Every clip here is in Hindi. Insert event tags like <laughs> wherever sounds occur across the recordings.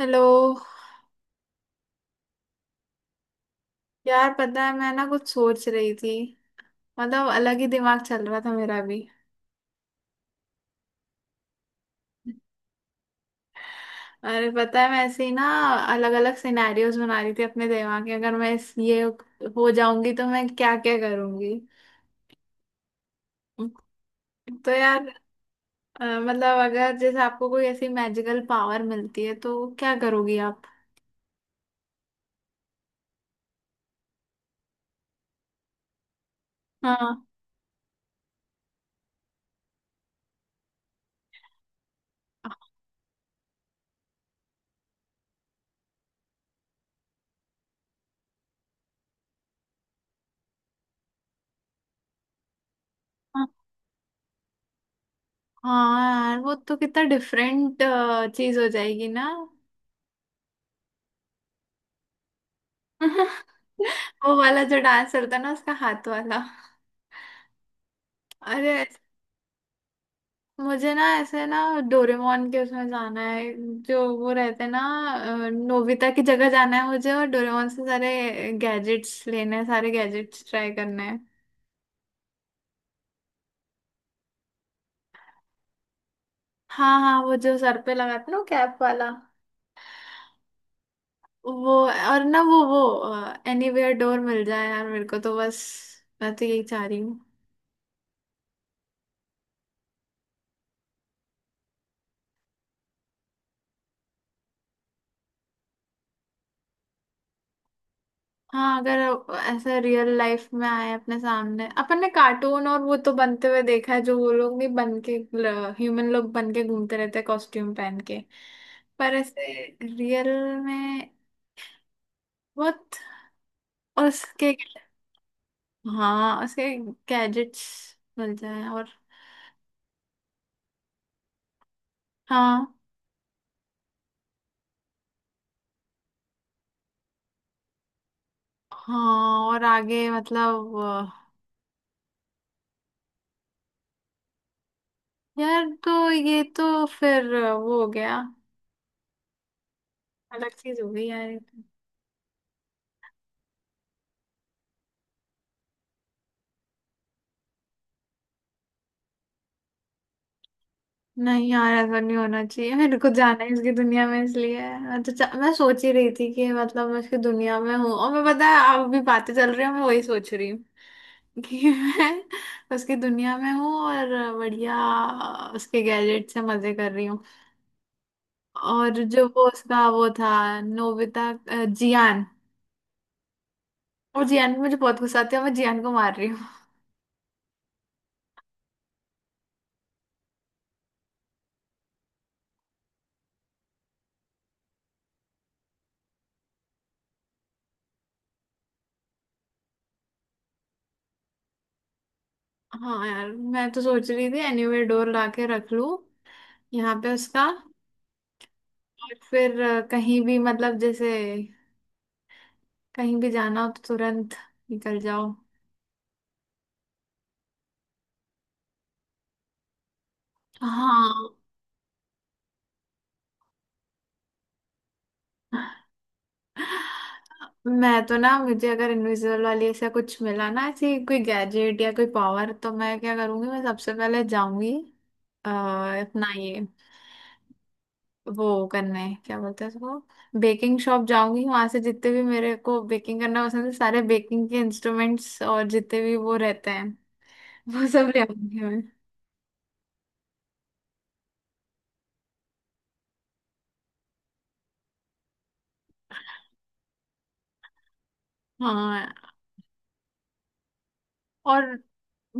हेलो। यार पता है मैं ना कुछ सोच रही थी। मतलब अलग ही दिमाग चल रहा था मेरा भी। अरे पता है मैं ऐसे ही ना अलग अलग सिनेरियोज बना रही थी अपने दिमाग में, अगर मैं ये हो जाऊंगी तो मैं क्या क्या करूंगी। तो यार मतलब अगर जैसे आपको कोई ऐसी मैजिकल पावर मिलती है तो क्या करोगी आप। हाँ। हाँ। हाँ यार वो तो कितना डिफरेंट चीज हो जाएगी ना। <laughs> वो वाला जो डांस चलता है ना, उसका हाथ वाला। अरे मुझे ना ऐसे ना डोरेमोन के उसमें जाना है, जो वो रहते हैं ना। नोबिता की जगह जाना है मुझे, और डोरेमोन से सारे गैजेट्स लेने हैं, सारे गैजेट्स ट्राई करने हैं। हाँ। हाँ वो जो सर पे लगाते हैं ना, कैप वाला। वो और ना वो एनीवेयर डोर मिल जाए यार मेरे को, तो बस मैं तो यही चाह रही। हाँ अगर ऐसा रियल लाइफ में आए अपने सामने, अपन ने कार्टून और वो तो बनते हुए देखा है जो वो लोग भी बन के ह्यूमन लोग बन के घूमते रहते हैं कॉस्ट्यूम पहन के। पर ऐसे रियल में बहुत। और उसके हाँ उसके गैजेट्स मिल जाए और। हाँ। हाँ और आगे मतलब यार तो ये तो फिर वो हो गया। अलग चीज हो गई यार ये तो। नहीं यार ऐसा नहीं होना चाहिए, मेरे को जाना है इसकी दुनिया में, इसलिए मैं तो मैं सोच ही रही थी कि मतलब मैं इसकी दुनिया में हूँ और मैं पता है आप भी बातें चल रही है मैं वही सोच रही हूँ। <laughs> कि मैं उसकी दुनिया में हूँ और बढ़िया उसके गैजेट से मजे कर रही हूँ, और जो वो उसका वो था नोबिता, जियान। और जियान पे मुझे बहुत गुस्सा आती है, मैं जियान को मार रही हूँ। हाँ यार मैं तो सोच रही थी एनीवेयर डोर ला के रख लूँ यहाँ पे उसका, और फिर कहीं भी मतलब जैसे कहीं भी जाना हो तो तुरंत निकल जाओ। हाँ मैं तो ना, मुझे अगर इनविजिबल वाली ऐसा कुछ मिला ना, ऐसी कोई गैजेट या कोई पावर, तो मैं क्या करूंगी, मैं सबसे पहले जाऊंगी अपना ये वो करने क्या बोलते हैं उसको, बेकिंग शॉप जाऊंगी, वहां से जितने भी मेरे को बेकिंग करना पसंद है सारे बेकिंग के इंस्ट्रूमेंट्स और जितने भी वो रहते हैं वो सब ले आऊंगी मैं। हाँ और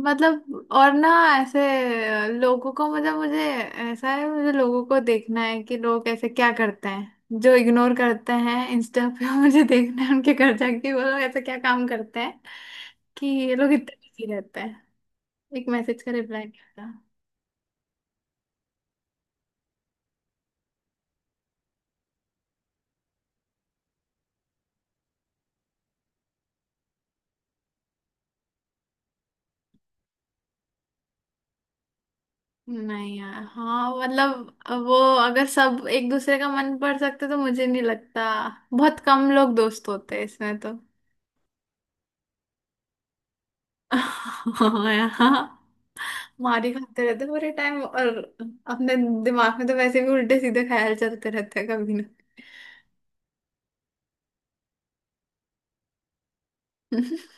मतलब और ना ऐसे लोगों को, मतलब मुझे ऐसा है मुझे लोगों को देखना है कि लोग ऐसे क्या करते हैं जो इग्नोर करते हैं इंस्टा पे। <laughs> मुझे देखना है उनके घर जाके वो लोग ऐसे क्या काम करते हैं, कि ये लोग इतने बिजी रहते हैं एक मैसेज का रिप्लाई नहीं आता। नहीं यार, हाँ मतलब वो अगर सब एक दूसरे का मन पढ़ सकते तो मुझे नहीं लगता बहुत कम लोग दोस्त होते हैं इसमें तो। <laughs> हाँ यार, मार ही खाते रहते हैं पूरे टाइम, और अपने दिमाग में तो वैसे भी उल्टे सीधे ख्याल चलते रहते हैं कभी ना। <laughs>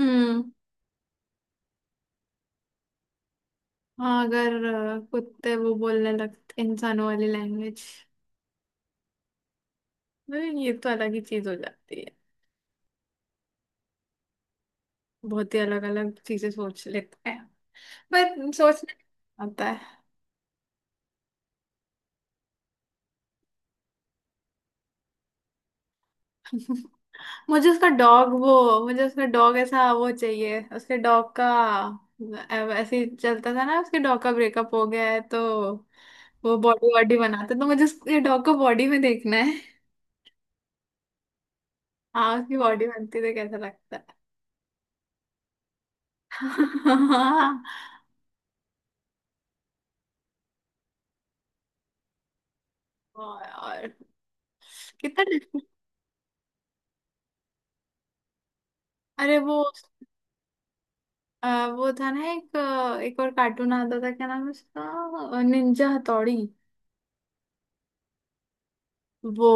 हम्म। हाँ, अगर कुत्ते वो बोलने लगते इंसानों वाली लैंग्वेज, ये तो अलग ही चीज हो जाती है। बहुत ही अलग अलग चीजें सोच लेते हैं, पर सोचने आता है। <laughs> मुझे उसका डॉग वो, मुझे उसका डॉग ऐसा वो चाहिए उसके डॉग का, ऐसे ही चलता था ना, उसके डॉग का ब्रेकअप हो गया है तो वो बॉडी बॉडी बनाता है, तो मुझे उसके डॉग को बॉडी में देखना है। हाँ उसकी बॉडी बनती तो कैसा लगता है। <laughs> और कितना डिफरेंट। अरे वो था ना, एक और कार्टून आता था क्या नाम है उसका, निंजा हथौड़ी। वो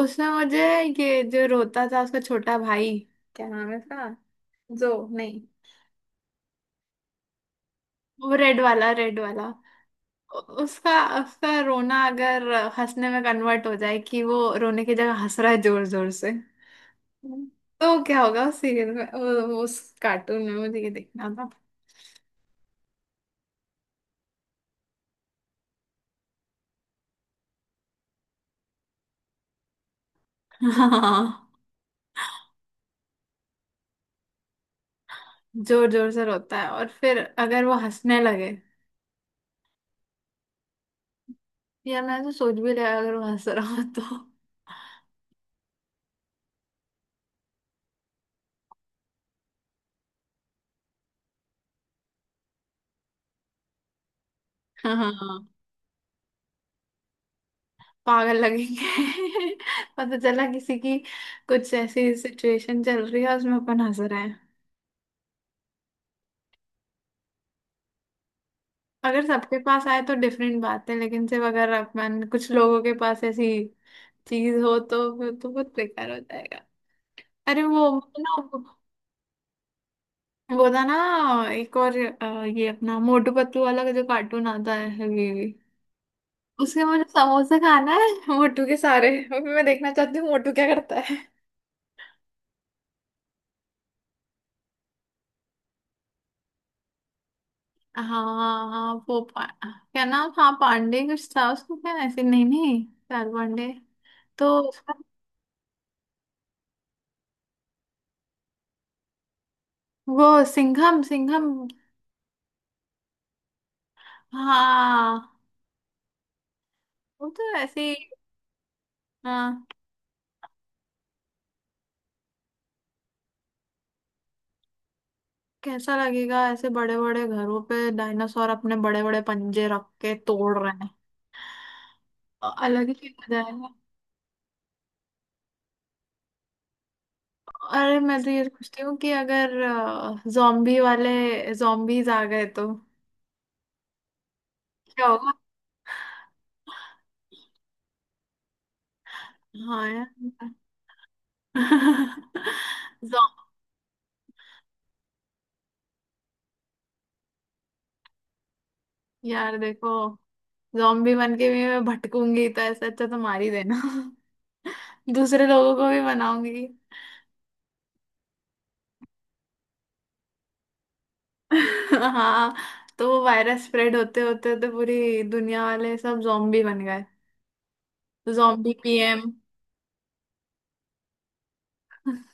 उसमें मुझे ये जो रोता था उसका छोटा भाई, क्या नाम है उसका, जो नहीं वो रेड वाला रेड वाला, उ- उसका उसका रोना अगर हंसने में कन्वर्ट हो जाए, कि वो रोने की जगह हंस रहा है जोर जोर से। हम्म। तो क्या होगा उस सीरियल में, उस कार्टून में मुझे ये देखना था। <laughs> हाँ जोर जोर से रोता है और फिर अगर वो हंसने लगे। यार मैंने तो सोच भी लिया अगर वो हंस रहा हो तो। <laughs> हाँ पागल लगेंगे। <laughs> पता चला किसी की कुछ ऐसी सिचुएशन चल रही है उसमें अपन हंस रहे। अगर सबके पास आए तो डिफरेंट बात है, लेकिन सिर्फ अगर अपन कुछ लोगों के पास ऐसी चीज हो तो फिर तो बहुत बेकार हो जाएगा। अरे वो ना, वो था ना एक और ये अपना मोटू पतलू वाला का जो कार्टून आता है ये, उसके मुझे समोसे खाना है मोटू के सारे, और फिर मैं देखना चाहती हूँ मोटू क्या करता है। हाँ। हाँ वो क्या नाम, हाँ पांडे कुछ था उसको, क्या ऐसे, नहीं नहीं चार पांडे, तो वो सिंघम सिंघम। हाँ वो तो ऐसे ही। हाँ कैसा लगेगा ऐसे बड़े बड़े घरों पे डायनासोर अपने बड़े बड़े पंजे रख के तोड़ रहे हैं। अलग ही मजा आएगा। अरे मैं तो ये सोचती हूँ कि अगर जॉम्बी वाले जॉम्बीज आ गए तो क्या होगा। हाँ यार। <laughs> Zo- यार देखो, जॉम्बी बन के भी मैं भटकूंगी तो ऐसे, अच्छा तो मार ही देना। <laughs> दूसरे लोगों को भी बनाऊंगी। हाँ तो वो वायरस स्प्रेड होते होते तो पूरी दुनिया वाले सब zombie बन गए, तो zombie पीएम। <laughs>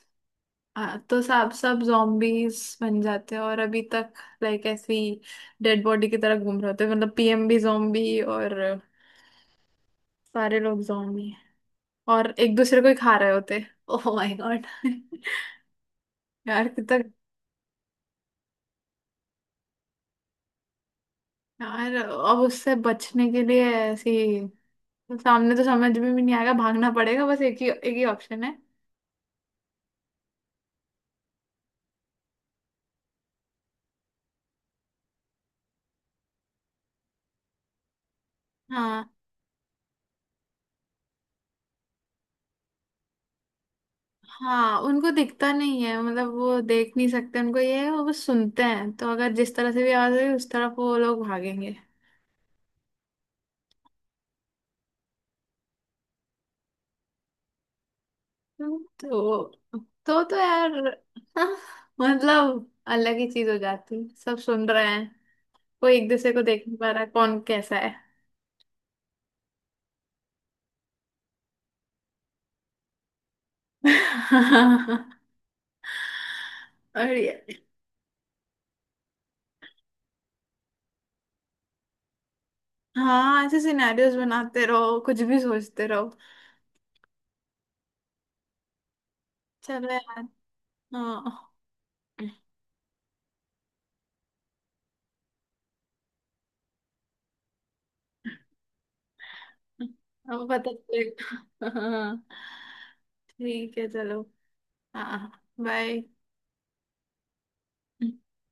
हाँ तो सब सब zombies बन जाते हैं और अभी तक लाइक ऐसी डेड बॉडी की तरह घूम रहे होते हैं, मतलब पीएम भी zombie और सारे लोग zombie हैं, और एक दूसरे को ही खा रहे होते। Oh my God. <laughs> यार कितना। यार अब उससे बचने के लिए ऐसी, सामने तो समझ में भी नहीं आएगा, भागना पड़ेगा, बस एक ही ऑप्शन है। हाँ। हाँ उनको दिखता नहीं है, मतलब वो देख नहीं सकते, उनको ये है वो बस सुनते हैं, तो अगर जिस तरह से भी आवाज आई उस तरफ वो लोग भागेंगे। तो तो यार। <laughs> हाँ, मतलब अलग ही चीज हो जाती है, सब सुन रहे हैं कोई एक दूसरे को देख नहीं पा रहा है, कौन कैसा है। <laughs> और हाँ ऐसे सिनेरियोस बनाते रहो, कुछ भी सोचते रहो। चलो यार। हाँ। हाँ, पता चलेगा। <laughs> हाँ ठीक है चलो। हाँ। बाय।